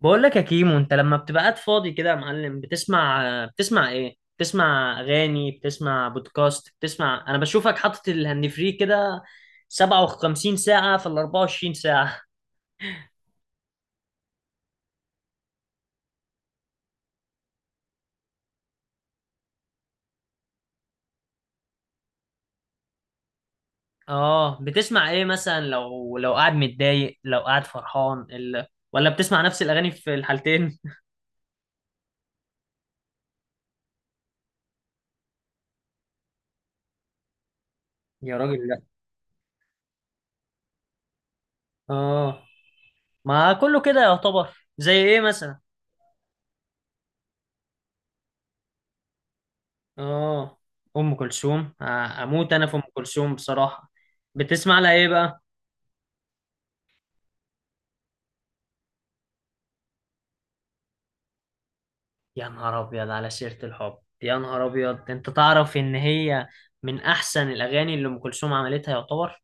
بقول لك يا كيمو، انت لما بتبقى قاعد فاضي كده يا معلم بتسمع، ايه؟ بتسمع اغاني؟ بتسمع بودكاست؟ بتسمع؟ انا بشوفك حاطط الهاند فري كده 57 ساعة في ال 24 ساعة. اه، بتسمع ايه مثلا؟ لو قاعد متضايق، لو قاعد فرحان، ولا بتسمع نفس الاغاني في الحالتين؟ يا راجل لا. اه، ما كله كده يعتبر. زي ايه مثلا؟ اه. ام كلثوم؟ اموت انا في ام كلثوم بصراحة. بتسمع لها ايه بقى؟ يا نهار ابيض على سيرة الحب، يا نهار ابيض، انت تعرف ان هي من احسن الاغاني اللي ام كلثوم عملتها يعتبر.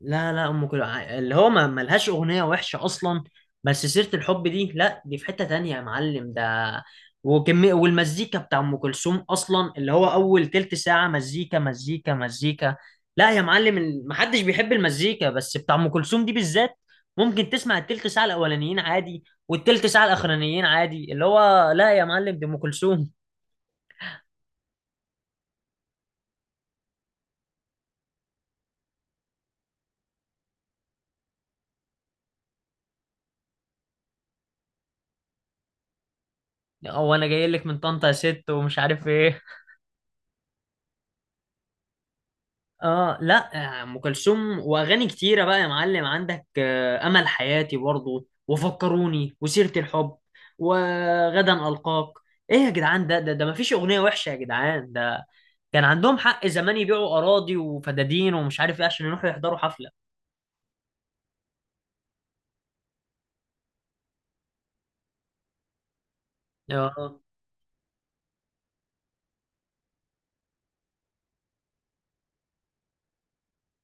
لا، ام كلثوم اللي هو ما ملهاش اغنيه وحشه اصلا، بس سيره الحب دي لا، دي في حته تانية يا معلم ده. وكمية والمزيكا بتاع ام كلثوم اصلا، اللي هو اول تلت ساعه مزيكا مزيكا مزيكا. لا يا معلم، محدش بيحب المزيكا بس بتاع ام كلثوم دي بالذات. ممكن تسمع التلت ساعه الاولانيين عادي والتلت ساعه الاخرانيين عادي، اللي هو لا يا معلم، دي ام كلثوم. هو انا جاي لك من طنطا يا ست ومش عارف ايه. اه لا، ام كلثوم واغاني كتيره بقى يا معلم عندك، امل حياتي برضو وفكروني وسيره الحب وغدا القاك. ايه يا جدعان، ده مفيش اغنيه وحشه يا جدعان ده. كان عندهم حق زمان يبيعوا اراضي وفدادين ومش عارف ايه عشان يروحوا يحضروا حفله. اه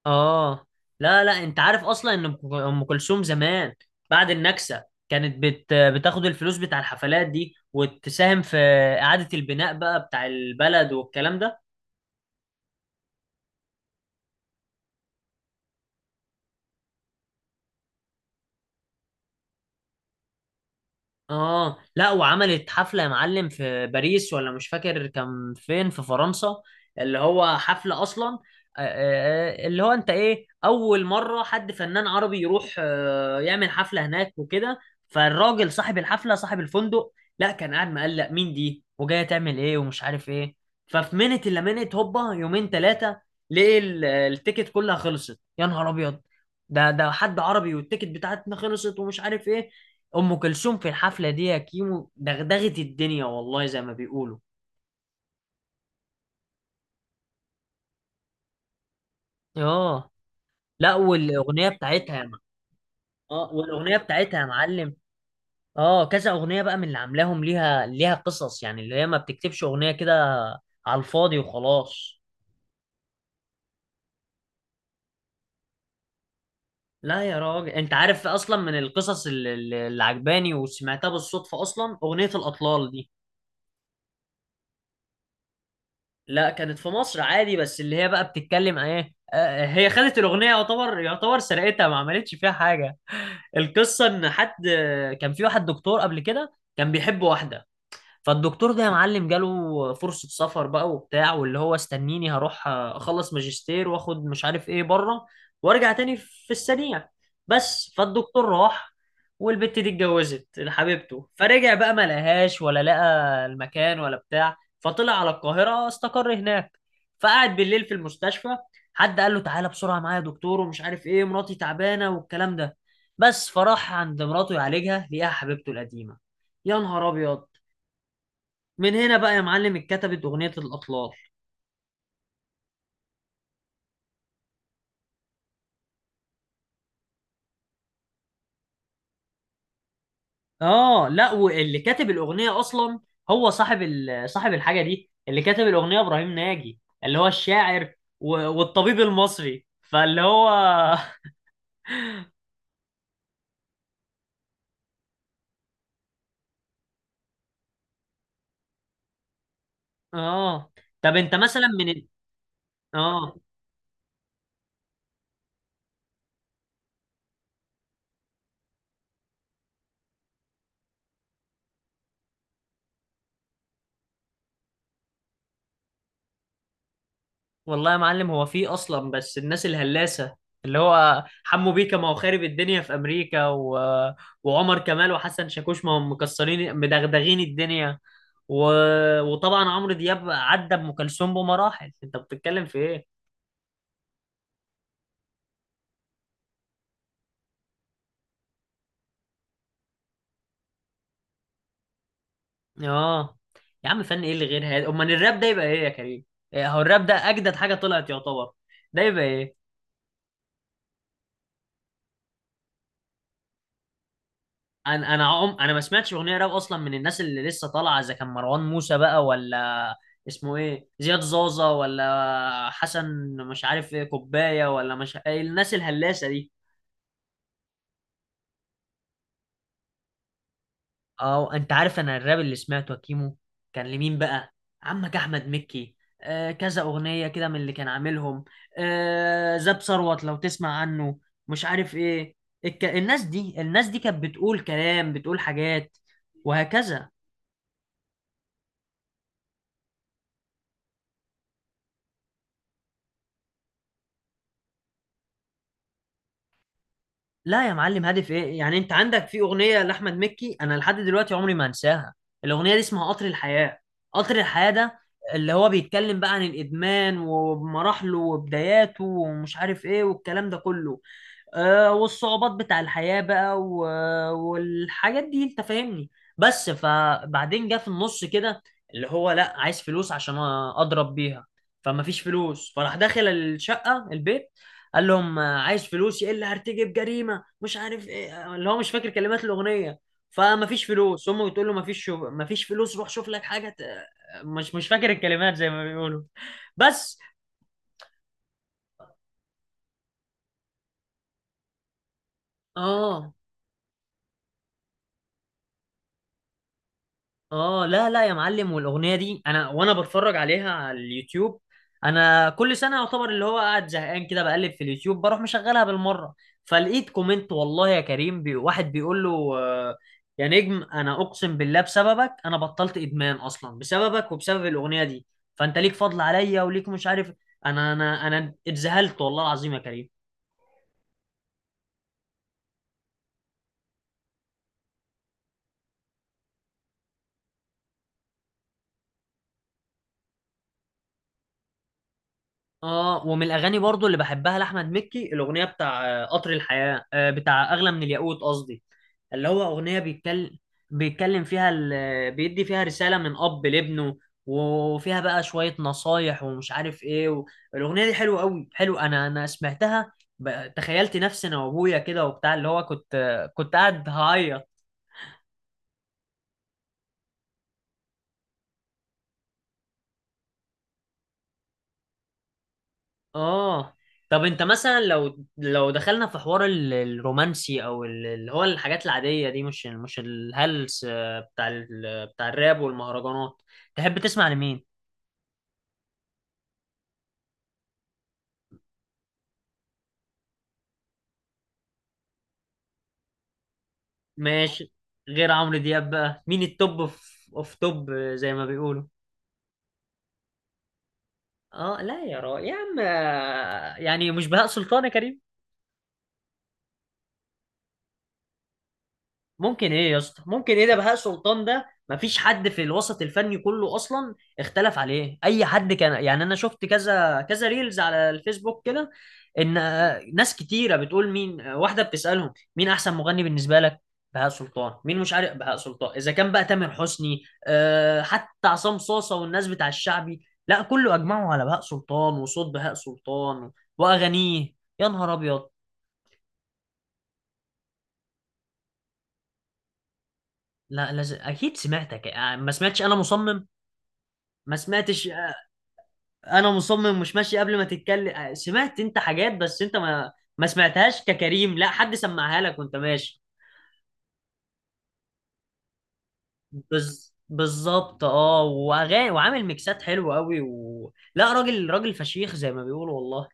اه. لا، انت عارف اصلا ان أم كلثوم زمان بعد النكسه كانت بتاخد الفلوس بتاع الحفلات دي وتساهم في اعاده البناء بقى بتاع البلد والكلام ده. اه لا، وعملت حفلة يا معلم في باريس، ولا مش فاكر كان فين، في فرنسا. اللي هو حفلة اصلا اللي هو انت ايه، اول مرة حد فنان عربي يروح يعمل حفلة هناك وكده. فالراجل صاحب الحفلة صاحب الفندق، لا، كان قاعد مقلق مين دي وجاية تعمل ايه ومش عارف ايه. ففي منت الا منت هوبا يومين ثلاثة، ليه التيكت كلها خلصت؟ يا نهار ابيض، ده حد عربي والتيكت بتاعتنا خلصت ومش عارف ايه. ام كلثوم في الحفله دي يا كيمو دغدغت الدنيا، والله زي ما بيقولوا. اه لا، والاغنيه بتاعتها يا مع... اه، والاغنيه بتاعتها يا معلم، اه كذا اغنيه بقى من اللي عاملاهم، ليها قصص يعني، اللي هي ما بتكتبش اغنيه كده على الفاضي وخلاص. لا يا راجل، انت عارف اصلا من القصص اللي عجباني وسمعتها بالصدفه اصلا اغنيه الاطلال دي. لا، كانت في مصر عادي، بس اللي هي بقى بتتكلم عن ايه. هي خدت الاغنيه، يعتبر سرقتها، ما عملتش فيها حاجه. القصه ان حد كان في واحد دكتور قبل كده كان بيحب واحده. فالدكتور ده يا معلم جاله فرصة سفر بقى وبتاع، واللي هو استنيني هروح اخلص ماجستير واخد مش عارف ايه بره وارجع تاني في السريع. بس فالدكتور راح، والبت دي اتجوزت حبيبته. فرجع بقى ما لقاهاش ولا لقى المكان ولا بتاع. فطلع على القاهرة استقر هناك، فقعد بالليل في المستشفى. حد قال له: تعالى بسرعة معايا يا دكتور ومش عارف ايه، مراتي تعبانة والكلام ده. بس فراح عند مراته يعالجها لقاها حبيبته القديمة. يا نهار ابيض. من هنا بقى يا معلم اتكتبت اغنيه الاطلال. اه لا، واللي كاتب الاغنيه اصلا هو صاحب صاحب الحاجه دي، اللي كاتب الاغنيه ابراهيم ناجي اللي هو الشاعر والطبيب المصري، فاللي هو اه. طب انت مثلا من اه. والله يا معلم، هو في اصلا، بس الناس الهلاسه، اللي هو حمو بيكا ما هو خارب الدنيا في امريكا، وعمر كمال وحسن شاكوش ما هم مكسرين مدغدغين الدنيا، و... وطبعا عمرو دياب عدى ام كلثوم بمراحل، انت بتتكلم في ايه؟ اه. يا عم فن ايه اللي غير هذا؟ امال الراب ده يبقى ايه يا كريم؟ هو الراب ده اجدد حاجه طلعت يعتبر، ده يبقى ايه؟ انا انا عم انا ما سمعتش اغنيه راب اصلا من الناس اللي لسه طالعه، اذا كان مروان موسى بقى، ولا اسمه ايه زياد زازا، ولا حسن مش عارف ايه كوبايه، ولا مش إيه الناس الهلاسه دي. اه، انت عارف انا الراب اللي سمعته يا كيمو كان لمين بقى؟ عمك احمد مكي. آه، كذا اغنيه كده من اللي كان عاملهم. آه، زاب ثروت لو تسمع عنه، مش عارف ايه. الناس دي، الناس دي كانت بتقول كلام، بتقول حاجات، وهكذا. لا يا معلم، هدف ايه يعني؟ انت عندك في اغنيه لاحمد مكي انا لحد دلوقتي عمري ما انساها، الاغنيه دي اسمها قطر الحياه. قطر الحياه ده اللي هو بيتكلم بقى عن الادمان ومراحله وبداياته ومش عارف ايه والكلام ده كله. والصعوبات بتاع الحياة بقى والحاجات دي، انت فاهمني. بس فبعدين جه في النص كده اللي هو لا عايز فلوس عشان اضرب بيها. فما فيش فلوس، فراح داخل الشقة البيت قال لهم: عايز فلوس، يا الا هرتجب جريمة مش عارف ايه، اللي هو مش فاكر كلمات الأغنية. فما فيش فلوس، امه بتقول له: ما فيش فلوس، روح شوف لك حاجة مش فاكر الكلمات زي ما بيقولوا بس. اه. لا يا معلم، والاغنيه دي انا بتفرج عليها على اليوتيوب، انا كل سنه يعتبر اللي هو قاعد زهقان كده بقلب في اليوتيوب بروح مشغلها بالمره. فلقيت كومنت والله يا كريم بي، واحد بيقول له: يا نجم انا اقسم بالله بسببك انا بطلت ادمان اصلا، بسببك وبسبب الاغنيه دي. فانت ليك فضل عليا وليك مش عارف. انا اتذهلت والله العظيم يا كريم. اه، ومن الاغاني برضو اللي بحبها لاحمد مكي الاغنيه بتاع آه، قطر الحياه آه، بتاع اغلى من الياقوت قصدي، اللي هو أغنية بيتكلم فيها بيدي فيها رسالة من أب لابنه، وفيها بقى شوية نصايح ومش عارف إيه الأغنية دي حلوة أوي، حلو. أنا سمعتها، تخيلت نفسي أنا وأبويا كده وبتاع، اللي هو كنت، كنت قاعد هعيط. آه. طب أنت مثلا لو دخلنا في حوار الرومانسي أو اللي هو الحاجات العادية دي، مش الهلس بتاع بتاع الراب والمهرجانات، تحب تسمع لمين؟ ماشي. غير عمرو دياب بقى مين التوب في اوف توب زي ما بيقولوا؟ اه لا، يا عم، يعني مش بهاء سلطان يا كريم؟ ممكن ايه يا اسطى، ممكن ايه؟ ده بهاء سلطان ده مفيش حد في الوسط الفني كله اصلا اختلف عليه اي حد كان، يعني انا شفت كذا ريلز على الفيسبوك كده، ان ناس كتيره بتقول مين، واحده بتسالهم مين احسن مغني بالنسبه لك؟ بهاء سلطان. مين مش عارف بهاء سلطان؟ اذا كان بقى تامر حسني، أه، حتى عصام صاصه والناس بتاع الشعبي، لا كله اجمعوا على بهاء سلطان وصوت بهاء سلطان واغانيه. يا نهار ابيض. لا، لازم اكيد سمعتك. ما سمعتش، انا مصمم ما سمعتش. انا مصمم، مش ماشي قبل ما تتكلم. سمعت انت حاجات بس انت ما سمعتهاش ككريم، لا حد سمعها لك وانت ماشي. بالظبط، اه، واغاني وعامل ميكسات حلوه قوي لا، راجل فشيخ زي ما بيقولوا والله.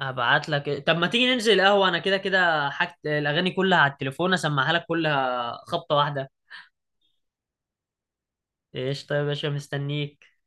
هبعت لك. طب ما تيجي ننزل قهوه، انا كده حاجت الاغاني كلها على التليفون، اسمعها لك كلها خبطه واحده. ايش؟ طيب يا باشا مستنيك.